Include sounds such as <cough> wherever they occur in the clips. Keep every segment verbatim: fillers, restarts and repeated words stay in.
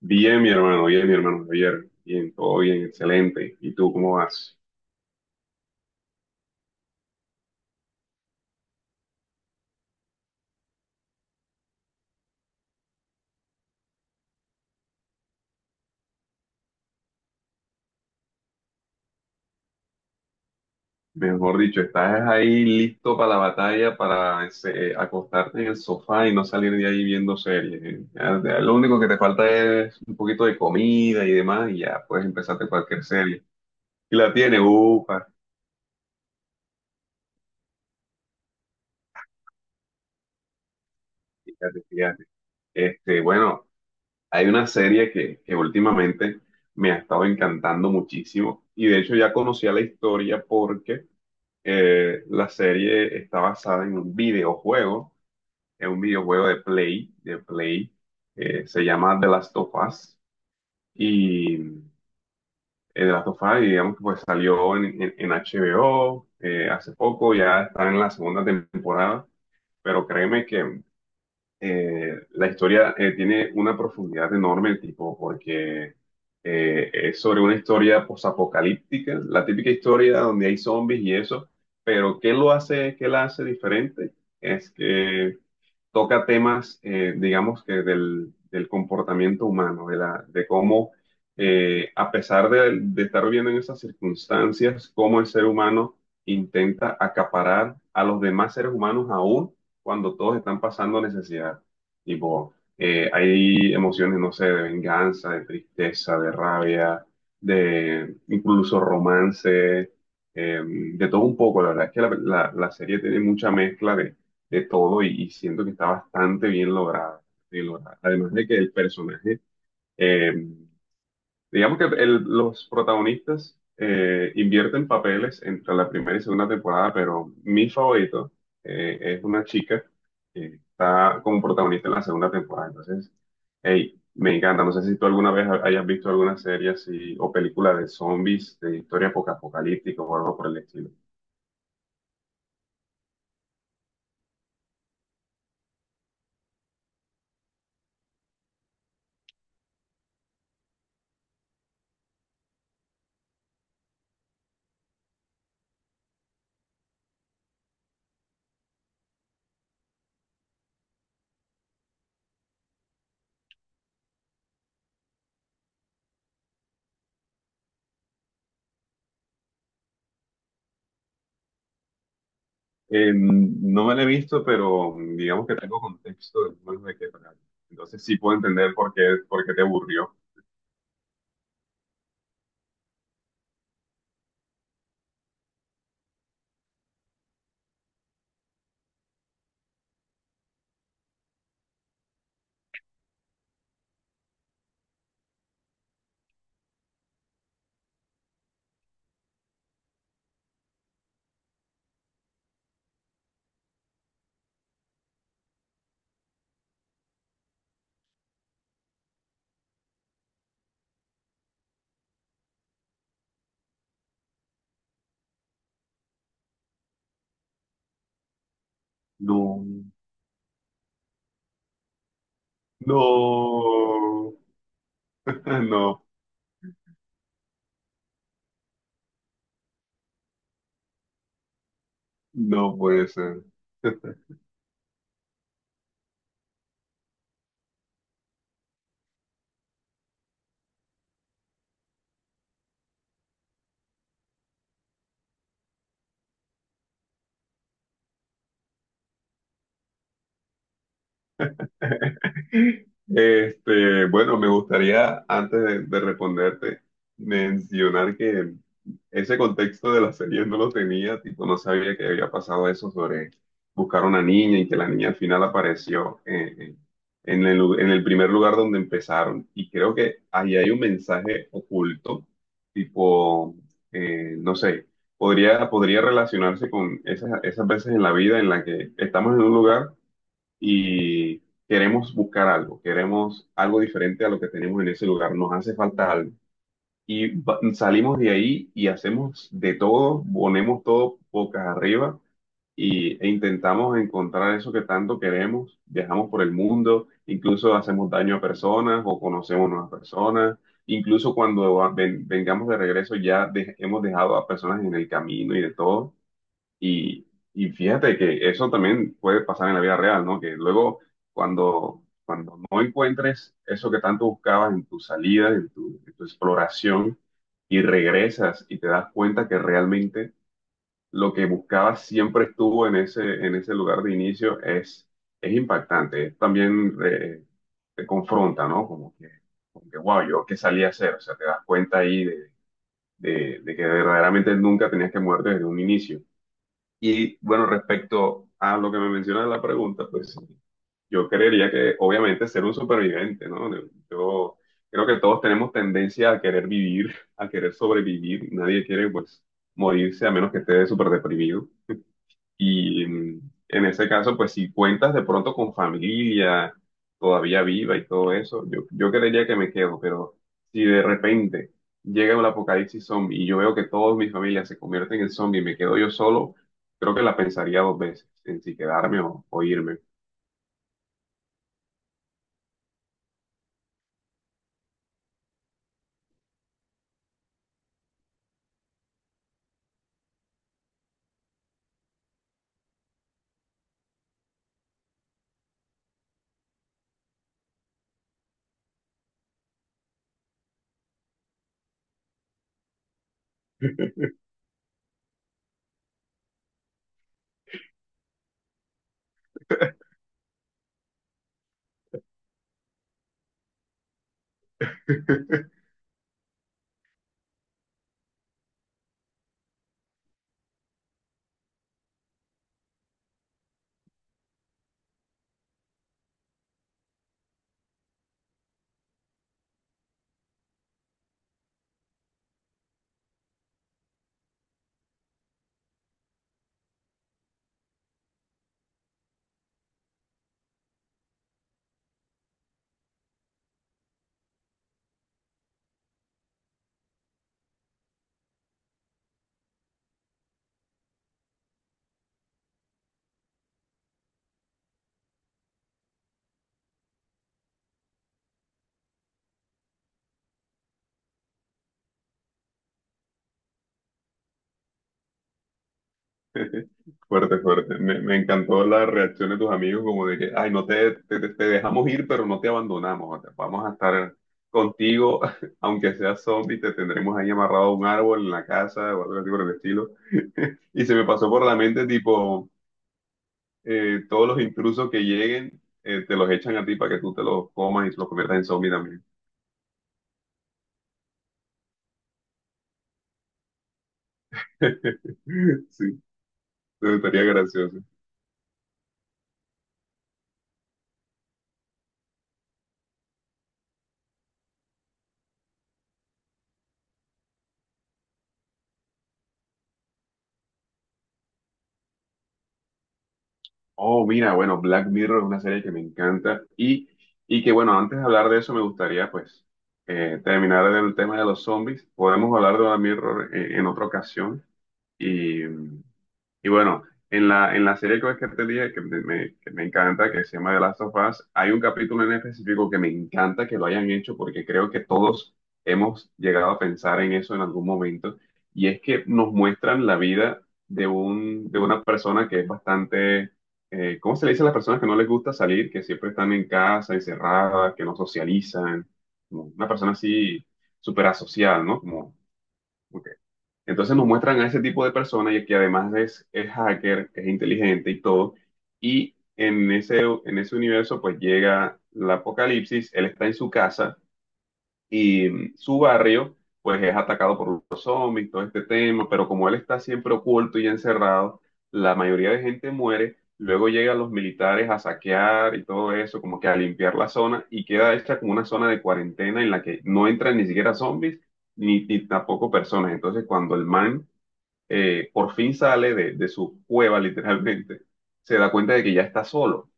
Bien, mi hermano, bien, mi hermano Javier. Bien, todo bien, excelente. ¿Y tú cómo vas? Mejor dicho, ¿estás ahí listo para la batalla, para ese- acostarte en el sofá y no salir de ahí viendo series, eh? Ya- ya lo único que te falta es un poquito de comida y demás, y ya puedes empezarte cualquier serie. Y la tiene, upa, fíjate, fíjate. Este, bueno, hay una serie que, que últimamente me ha estado encantando muchísimo, y de hecho ya conocía la historia porque Eh, la serie está basada en un videojuego, en un videojuego de Play, de Play, eh, Se llama The Last of Us. y eh, The Last of Us, digamos que pues salió en, en- en H B O eh, hace poco. Ya está en la segunda temporada, pero créeme que eh, la historia eh, tiene una profundidad enorme, tipo, porque eh, es sobre una historia posapocalíptica, la típica historia donde hay zombies y eso, pero ¿qué lo hace, qué la hace diferente? Es que toca temas, eh, digamos que del, del comportamiento humano, de la, de cómo, eh, a pesar de, de estar viviendo en esas circunstancias, cómo el ser humano intenta acaparar a los demás seres humanos aún cuando todos están pasando necesidad. Tipo, eh, hay emociones, no sé, de venganza, de tristeza, de rabia, de incluso romance, eh, de todo un poco. La verdad es que la, la- la serie tiene mucha mezcla de todo y, y siento que está bastante bien lograda, bien lograda. Además de que el personaje, eh, digamos que el- los protagonistas eh, invierten papeles entre la primera y segunda temporada, pero mi favorito eh, es una chica que está como protagonista en la segunda temporada. Entonces, hey, me encanta. No sé si tú alguna vez hayas visto alguna serie así o película de zombies, de historia poca- apocalíptica o algo por el estilo. Eh, no me la he visto, pero digamos que tengo contexto del juego de qué trata. Entonces sí puedo entender por qué, por qué te aburrió. No, no, <laughs> no, no puede ser. Este, bueno, me gustaría, antes de, de responderte, mencionar que ese contexto de la serie no lo tenía, tipo, no sabía que había pasado eso sobre buscar una niña y que la niña al final apareció eh, eh, en el, lu- en el primer lugar donde empezaron. Y creo que ahí hay un mensaje oculto, tipo, eh, no sé, podría, podría relacionarse con esas, esas veces en la vida en la que estamos en un lugar y queremos buscar algo, queremos algo diferente a lo que tenemos en ese lugar, nos hace falta algo. Y va- salimos de ahí y hacemos de todo, ponemos todo bocas arriba y, e intentamos encontrar eso que tanto queremos, viajamos por el mundo, incluso hacemos daño a personas o conocemos nuevas personas. Incluso cuando va- ven- vengamos de regreso ya dej- hemos dejado a personas en el camino y de todo y, y fíjate que eso también puede pasar en la vida real, ¿no? Que luego cuando, cuando no encuentres eso que tanto buscabas en tu salida, en tu, en tu exploración, y regresas y te das cuenta que realmente lo que buscabas siempre estuvo en ese, en ese lugar de inicio, es, es impactante. Es también eh, te confronta, ¿no? Como que, como que wow, yo qué salí a hacer. O sea, te das cuenta ahí de, de de que verdaderamente nunca tenías que moverte desde un inicio. Y bueno, respecto a lo que me menciona en la pregunta, pues yo creería que obviamente ser un superviviente, ¿no? Yo creo que todos tenemos tendencia a querer vivir, a querer sobrevivir. Nadie quiere pues morirse a menos que esté súper deprimido. Y mm, en ese caso, pues si cuentas de pronto con familia todavía viva y todo eso, yo, yo creería que me quedo, pero si de repente llega un apocalipsis zombie y yo veo que toda mi familia se convierte en zombie y me quedo yo solo, creo que la pensaría dos veces en si quedarme o, o irme. <laughs> <laughs> Fuerte, fuerte. Me, me encantó la reacción de tus amigos, como de que, ay, no te, te, te- te dejamos ir, pero no te abandonamos. Vamos a estar contigo, <laughs> aunque seas zombie, te tendremos ahí amarrado a un árbol en la casa o algo así por el estilo. <laughs> Y se me pasó por la mente, tipo, eh, todos los intrusos que lleguen, eh, te los echan a ti para que tú te los comas y te los conviertas en zombie también. <laughs> Sí, eso estaría gracioso. Oh, mira, bueno, Black Mirror es una serie que me encanta y, y que, bueno, antes de hablar de eso me gustaría, pues, eh, terminar del tema de los zombies. Podemos hablar de Black Mirror eh, en otra ocasión y bueno, en la, en la serie que te dije que me, me- que me encanta, que se llama The Last of Us, hay un capítulo en específico que me encanta que lo hayan hecho porque creo que todos hemos llegado a pensar en eso en algún momento. Y es que nos muestran la vida de un, de una persona que es bastante, eh, ¿cómo se le dice a las personas que no les gusta salir, que siempre están en casa, encerradas, que no socializan? Como una persona así súper asocial, ¿no? Como, como entonces nos muestran a ese tipo de personas y que además es, es hacker, es inteligente y todo. Y en ese, en ese universo pues llega el apocalipsis, él está en su casa y mm, su barrio pues es atacado por los zombies, todo este tema, pero como él está siempre oculto y encerrado, la mayoría de gente muere. Luego llegan los militares a saquear y todo eso, como que a limpiar la zona y queda hecha como una zona de cuarentena en la que no entran ni siquiera zombies ni, ni tampoco personas. Entonces cuando el man eh, por fin sale de, de su cueva literalmente, se da cuenta de que ya está solo.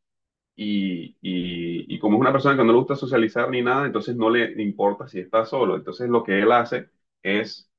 Y, y- y como es una persona que no le gusta socializar ni nada, entonces no le importa si está solo. Entonces lo que él hace es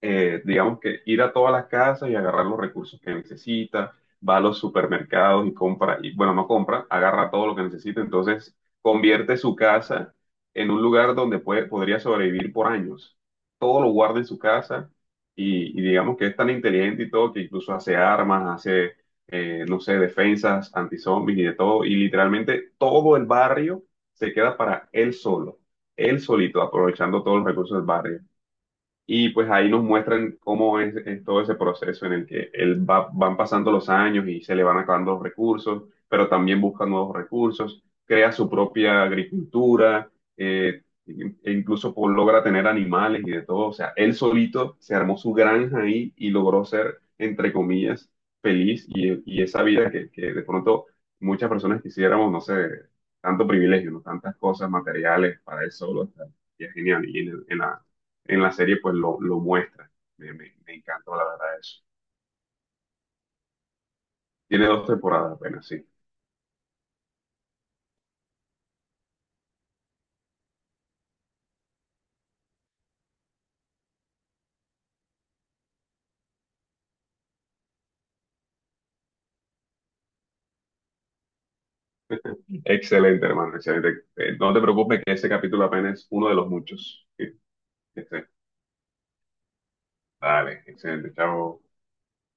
eh, digamos que ir a todas las casas y agarrar los recursos que necesita, va a los supermercados y compra, y bueno, no compra, agarra todo lo que necesita, entonces convierte su casa en un lugar donde puede, podría sobrevivir por años. Todo lo guarda en su casa y, y digamos que es tan inteligente y todo que incluso hace armas, hace, eh, no sé, defensas, antizombis y de todo, y literalmente todo el barrio se queda para él solo, él solito, aprovechando todos los recursos del barrio. Y pues ahí nos muestran cómo es, es todo ese proceso en el que él va, van pasando los años y se le van acabando los recursos, pero también busca nuevos recursos, crea su propia agricultura, eh, e incluso po- logra tener animales y de todo. O sea, él solito se armó su granja ahí y logró ser, entre comillas, feliz y, y esa vida que, que de pronto muchas personas quisiéramos, no sé, tanto privilegio, ¿no? Tantas cosas materiales para él solo. O sea, y es genial. Y en, en la serie pues lo, lo muestra. Me, me, me encantó la verdad eso. Tiene dos temporadas apenas, sí. Excelente, hermano, excelente. Eh, no te preocupes que ese capítulo apenas es uno de los muchos. Que- que esté. Dale, excelente, chao.